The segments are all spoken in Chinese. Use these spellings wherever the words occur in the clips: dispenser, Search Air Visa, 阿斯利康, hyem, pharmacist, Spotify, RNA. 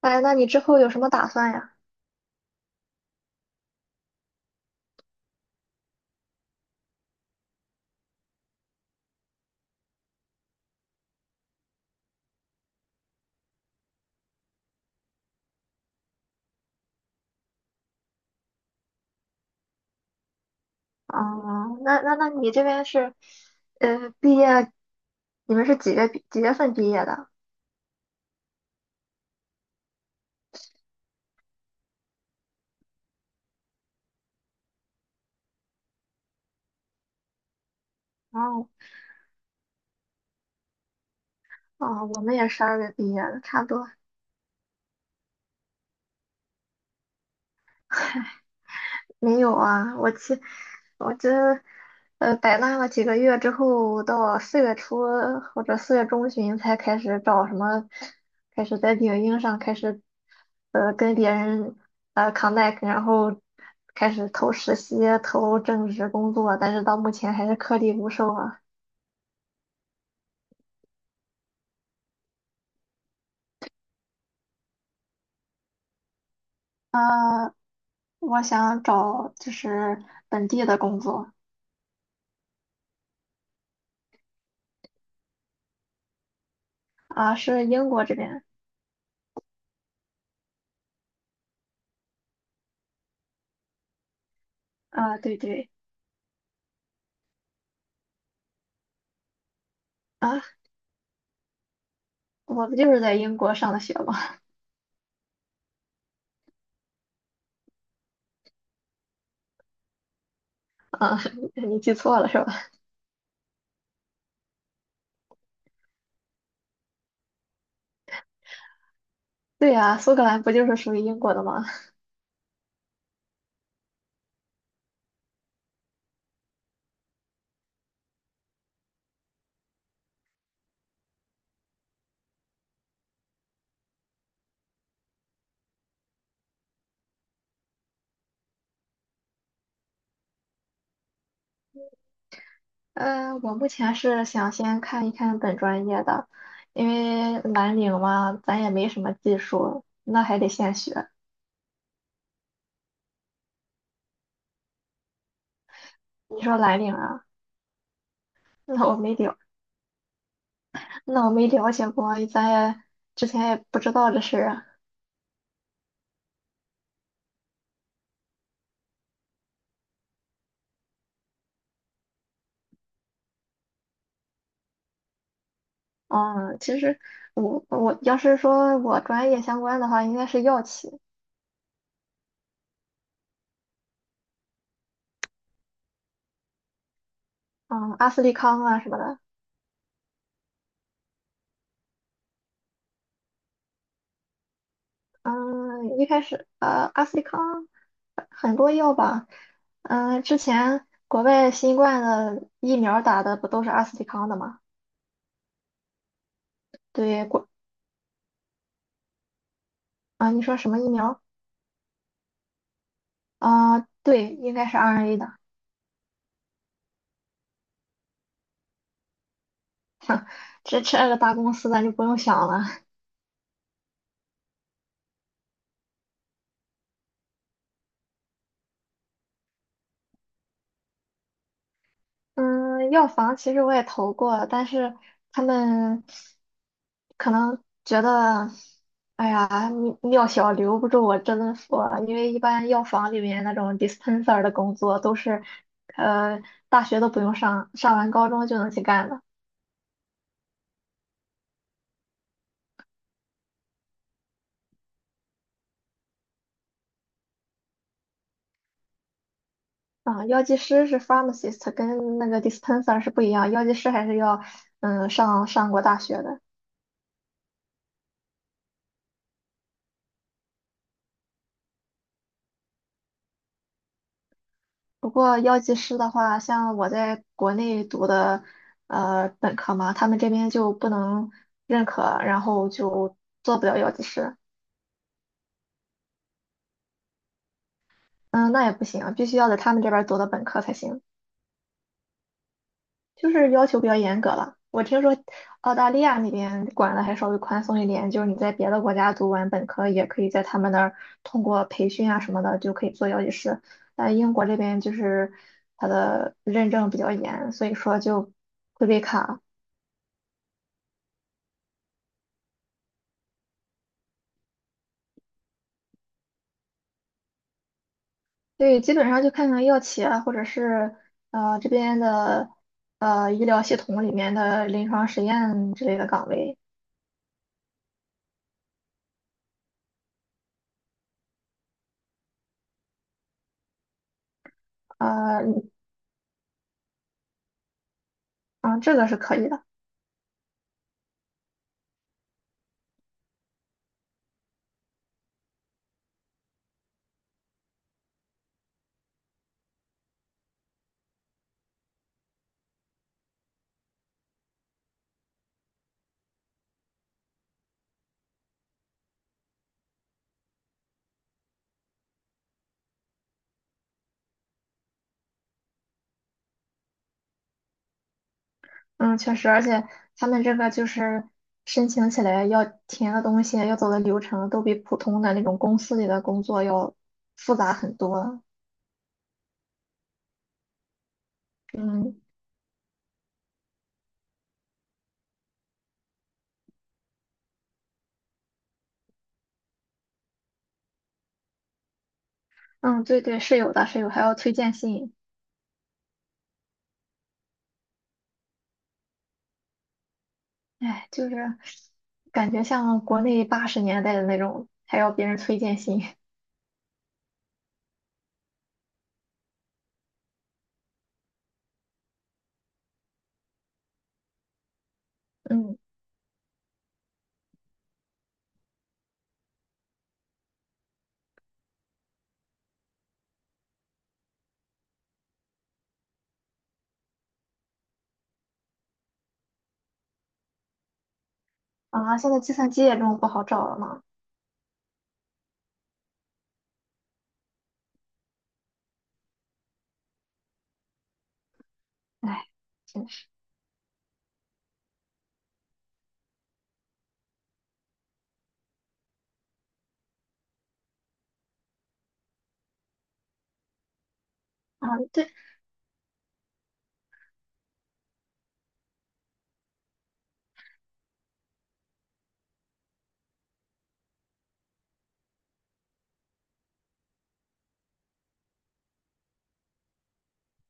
哎，那你之后有什么打算呀？啊。那你这边是，毕业，你们是几月份毕业的？哦，哦，我们也12月毕业的，差不多。没有啊，我去，我这摆烂了几个月之后，到4月初或者4月中旬才开始找什么，开始在领英上开始跟别人connect，然后开始投实习、投正职工作，但是到目前还是颗粒无收啊。啊。我想找就是本地的工作啊，是英国这边啊，对对啊，我不就是在英国上的学吗？啊，你记错了是吧？对呀，苏格兰不就是属于英国的吗？嗯，我目前是想先看一看本专业的，因为蓝领嘛，咱也没什么技术，那还得现学。你说蓝领啊，那我没了，那我没了解过，咱也之前也不知道这事儿啊。嗯，其实我要是说我专业相关的话，应该是药企。嗯，阿斯利康啊什么的。嗯，一开始阿斯利康很多药吧。嗯，之前国外新冠的疫苗打的不都是阿斯利康的吗？对，啊，你说什么疫苗？啊，对，应该是 RNA 的，这个大公司咱就不用想了。嗯，药房其实我也投过，但是他们可能觉得，哎呀，你药小留不住我真佛，因为一般药房里面那种 dispenser 的工作都是，呃，大学都不用上，上完高中就能去干的。啊，药剂师是 pharmacist，跟那个 dispenser 是不一样，药剂师还是要，嗯，上过大学的。不过药剂师的话，像我在国内读的本科嘛，他们这边就不能认可，然后就做不了药剂师。嗯，那也不行，必须要在他们这边读的本科才行，就是要求比较严格了。我听说澳大利亚那边管的还稍微宽松一点，就是你在别的国家读完本科，也可以在他们那儿通过培训啊什么的就可以做药剂师。但英国这边就是它的认证比较严，所以说就会被卡。对，基本上就看看药企啊，或者是这边的医疗系统里面的临床实验之类的岗位。嗯，啊这个是可以的。嗯，确实，而且他们这个就是申请起来要填的东西，要走的流程都比普通的那种公司里的工作要复杂很多。嗯嗯，对对，是有的，是有，还要推荐信。哎，就是感觉像国内80年代的那种，还要别人推荐信，嗯。啊，现在计算机也这么不好找了吗？哎，真是啊，对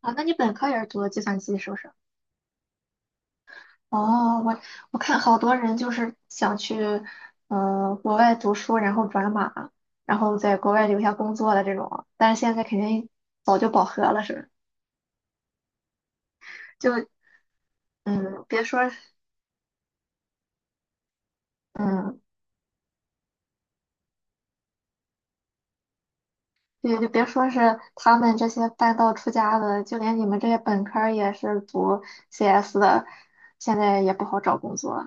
啊，那你本科也是读的计算机是不是？哦，我看好多人就是想去国外读书，然后转码，然后在国外留下工作的这种，但是现在肯定早就饱和了，是不是就嗯，别说嗯，对，就别说是他们这些半道出家的，就连你们这些本科儿也是读 CS 的，现在也不好找工作。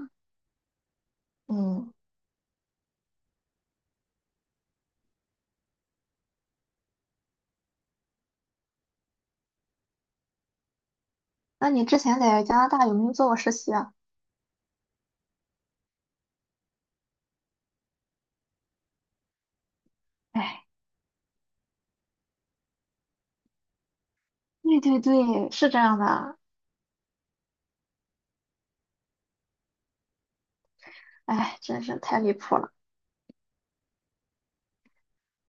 嗯。那你之前在加拿大有没有做过实习啊？哎，对对对，是这样的。哎，真是太离谱了。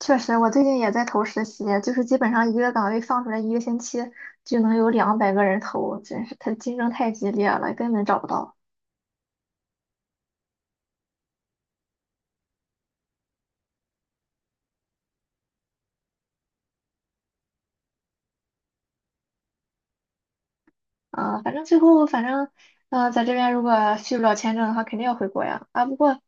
确实，我最近也在投实习，就是基本上一个岗位放出来一个星期就能有200个人投，真是它竞争太激烈了，根本找不到。啊。反正最后反正，在这边如果续不了签证的话，肯定要回国呀。啊，不过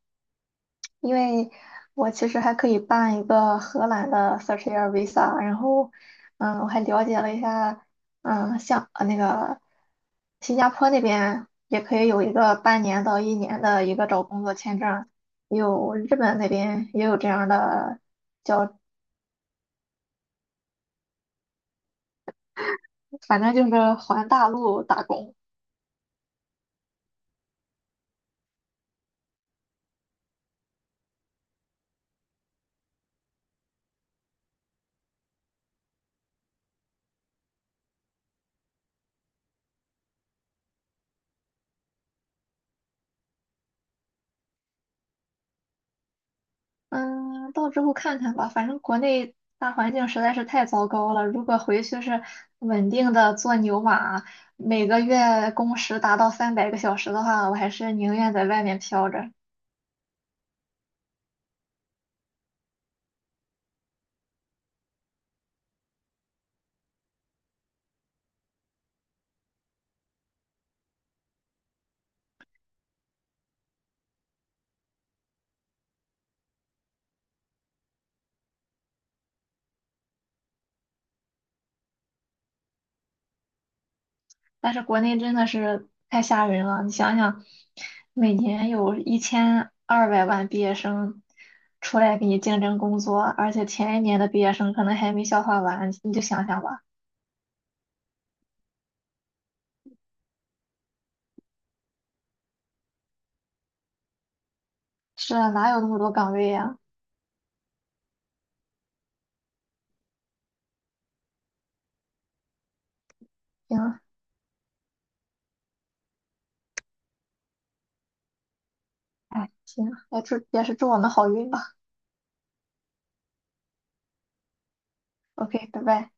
因为我其实还可以办一个荷兰的 Search Air Visa，然后，嗯，我还了解了一下。嗯，像那个新加坡那边也可以有一个半年到一年的一个找工作签证，也有日本那边也有这样的，反正就是环大陆打工。嗯，到之后看看吧，反正国内大环境实在是太糟糕了。如果回去是稳定的做牛马，每个月工时达到300个小时的话，我还是宁愿在外面飘着。但是国内真的是太吓人了，你想想，每年有1,200万毕业生出来给你竞争工作，而且前一年的毕业生可能还没消化完，你就想想吧。是啊，哪有那么多岗位呀？行，哎，行，也是祝我们好运吧。OK，拜拜。